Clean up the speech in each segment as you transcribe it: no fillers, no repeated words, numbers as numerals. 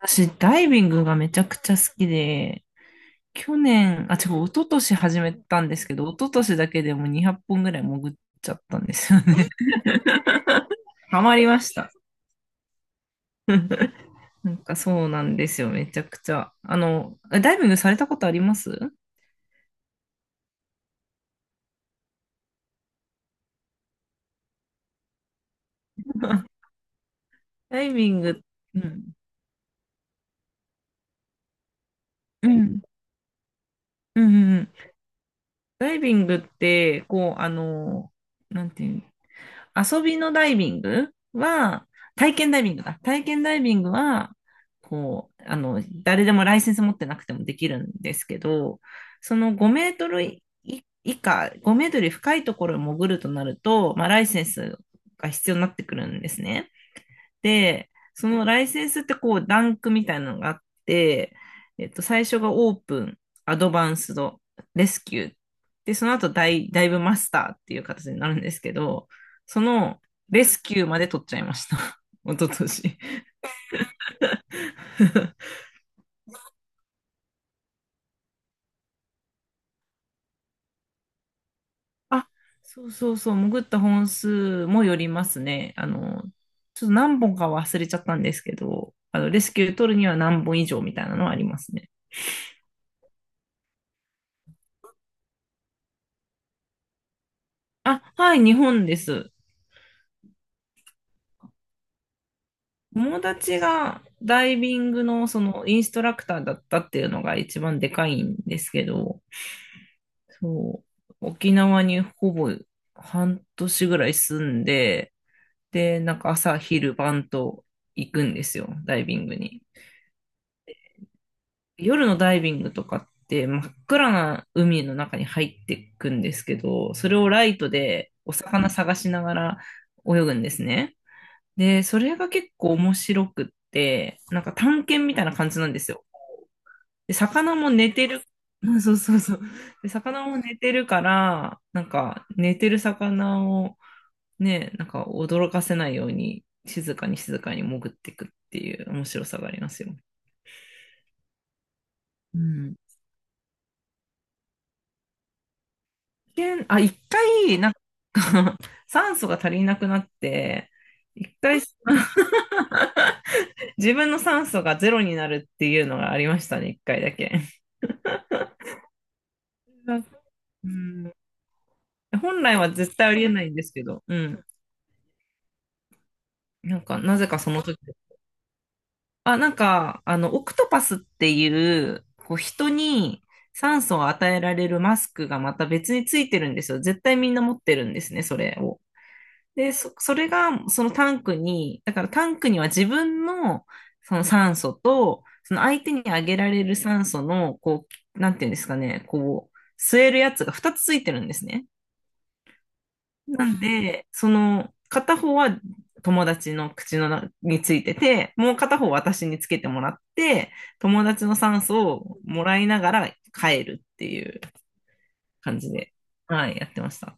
私、ダイビングがめちゃくちゃ好きで、去年、一昨年始めたんですけど、一昨年だけでも200本ぐらい潜っちゃったんですよね。ハマりました。なんかそうなんですよ、めちゃくちゃ。ダイビングされたことあります？ ダイビング、うん、うん、うん、うん。ダイビングって、なんていうの？遊びのダイビングは、体験ダイビングだ。体験ダイビングは、誰でもライセンス持ってなくてもできるんですけど、その5メートルい以下、5メートル深いところを潜るとなると、まあ、ライセンスが必要になってくるんですね。で、そのライセンスってこう、ランクみたいなのがあって、最初がオープン、アドバンスド、レスキュー。で、その後ダイブマスターっていう形になるんですけど、そのレスキューまで取っちゃいました。一昨年。あ、そうそうそう、潜った本数もよりますね。あの、ちょっと何本か忘れちゃったんですけど、あの、レスキュー取るには何本以上みたいなのはありますね。あ、はい、日本です。友達がダイビングのそのインストラクターだったっていうのが一番でかいんですけど、そう、沖縄にほぼ半年ぐらい住んで、で、なんか朝昼晩と行くんですよ、ダイビングに。夜のダイビングとかって真っ暗な海の中に入っていくんですけど、それをライトでお魚探しながら泳ぐんですね。で、それが結構面白くって、なんか探検みたいな感じなんですよ。で、魚も寝てる。うん、そうそうそう。で、魚も寝てるから、なんか寝てる魚をね、なんか驚かせないように静かに静かに潜っていくっていう面白さがありますよ。うん。一見あ、一回、なんか 酸素が足りなくなって、一回 自分の酸素がゼロになるっていうのがありましたね、一回だけ。うん、本来は絶対ありえないんですけど、うん。なんか、なぜかその時オクトパスっていう、こう、人に酸素を与えられるマスクがまた別についてるんですよ。絶対みんな持ってるんですね、それを。で、それが、そのタンクに、だからタンクには自分の、その酸素と、その相手にあげられる酸素の、こう、なんていうんですかね、こう、吸えるやつが2つついてるんですね。なんで、その、片方は友達の口の中についてて、もう片方私につけてもらって、友達の酸素をもらいながら帰るっていう感じで、はい、やってました。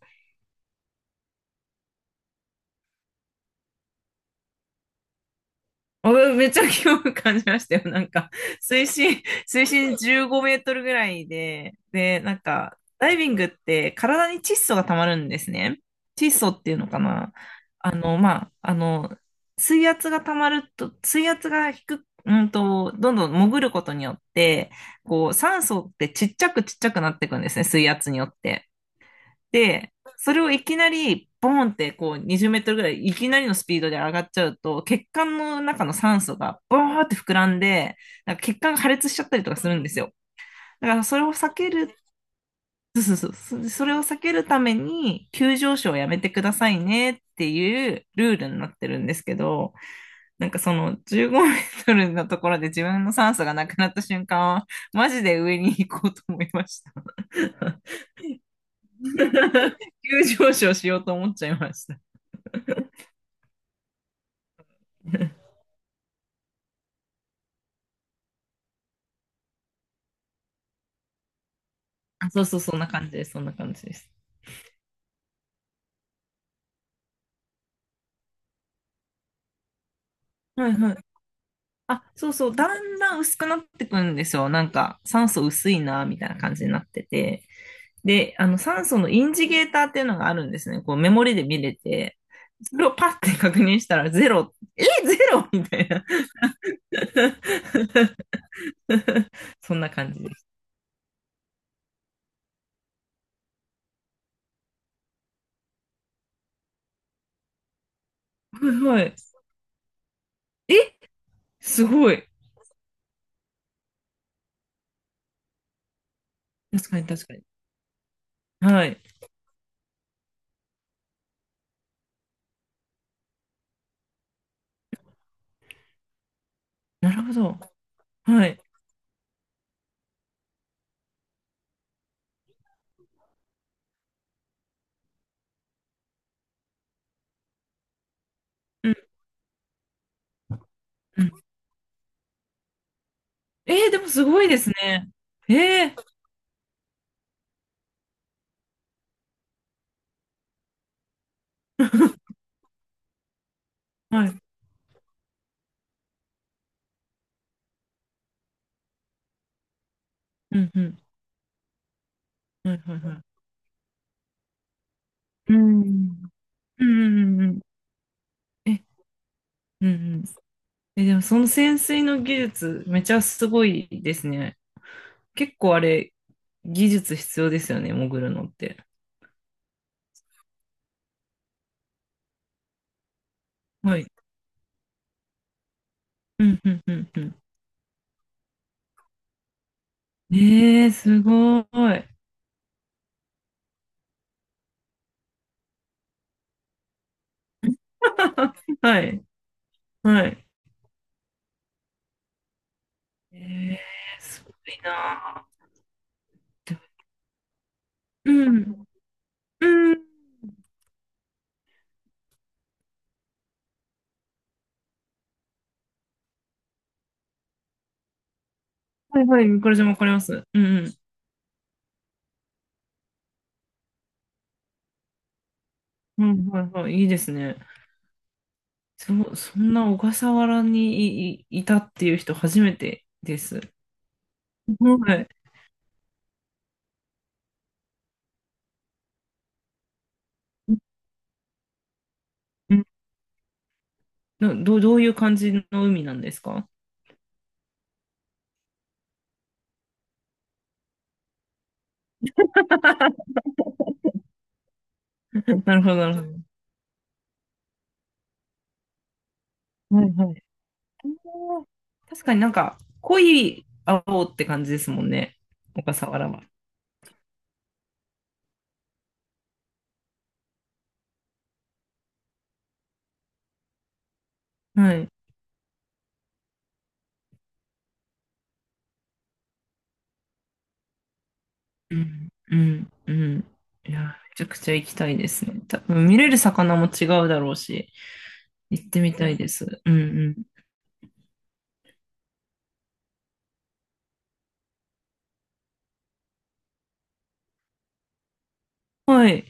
あ、めっちゃ興味感じましたよ。なんか、水深15メートルぐらいで、で、なんか、ダイビングって体に窒素が溜まるんですね。窒素っていうのかな。あの、まあ、あの、水圧が溜まると、水圧が低く、どんどん潜ることによって、こう、酸素ってちっちゃくちっちゃくなっていくんですね、水圧によって。で、それをいきなり、ボーンってこう20メートルぐらいいきなりのスピードで上がっちゃうと、血管の中の酸素がボーンって膨らんで、なんか血管が破裂しちゃったりとかするんですよ。だからそれを避ける、そうそうそう、それを避けるために、急上昇をやめてくださいねっていうルールになってるんですけど、なんかその15メートルのところで自分の酸素がなくなった瞬間は、マジで上に行こうと思いました。急上昇しようと思っちゃいました。あ、そうそう、そんな感じです。そんな感じです。はいはい。あ、そうそう、だんだん薄くなってくんですよ。なんか、酸素薄いな、みたいな感じになってて。で、あの、酸素のインジゲーターっていうのがあるんですね。こう、メモリで見れて、それをパッて確認したら、ゼロ、え、ゼロみたいな。そんな感じです。はいはい。え、すごい。確かに確かに。はい。なるほど。はい。うんうん。えー、でもすごいですね。えー、はい。うんうん。はいはいはい。うん。うんうんうんうん。え、うんうん。え、でもその潜水の技術、めちゃすごいですね。結構あれ、技術必要ですよね、潜るのって。はい。うんうんうんうん。えー、すごい。はい。はい。えー、すごいなー。うん。うん。はいはい。これじゃわかります。うんうん。ういはいはい。いいですね。そんな小笠原にいたっていう人初めてです。はい。うん、どういう感じの海なんですか？なるほど、なるほど。はいはい。確かになんか濃い青って感じですもんね、小笠原は。はい。うん、うん、うん。いや、めちゃくちゃ行きたいですね。多分見れる魚も違うだろうし、行ってみたいです。うんうん。はい、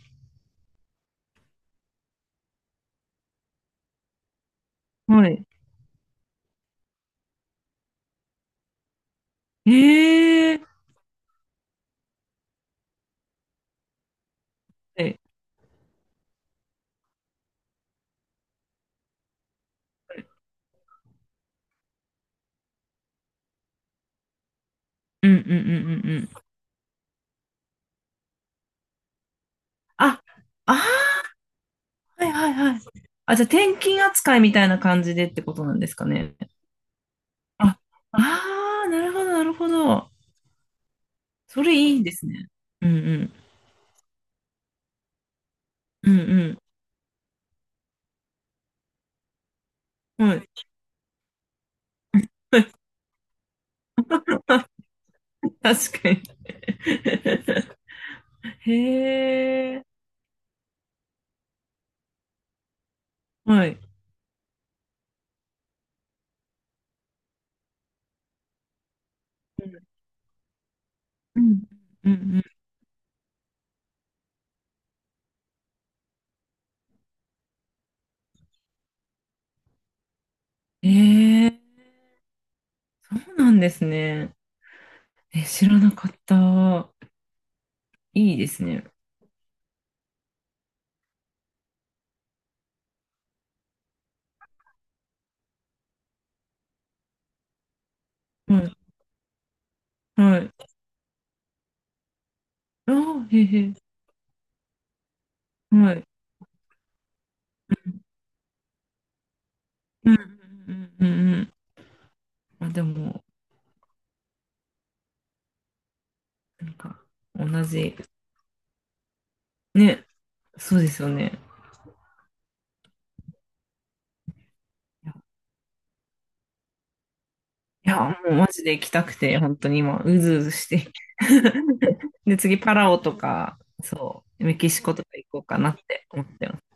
はい。ええ、はい、うんうんうんうんうん。あ、あー、はいはいはい。あ、じゃあ転勤扱いみたいな感じでってことなんですかね。あ、ああ、なるほど、なるほど。それいいですね。うんうん。うんうん。はい。確かに。へえ。はい。うん。うんうんうん。へえ、そうなんですね。え、知らなかった。いいですね。はい。はい。ああ、へえへえ。はい。うんうんうんうんうんうん。まあでも、なんか、同じ。ね、そうですよね。いや、もうマジで行きたくて、本当に今、うずうずして。で、次、パラオとか、そう、メキシコとか行こうかなって思ってます。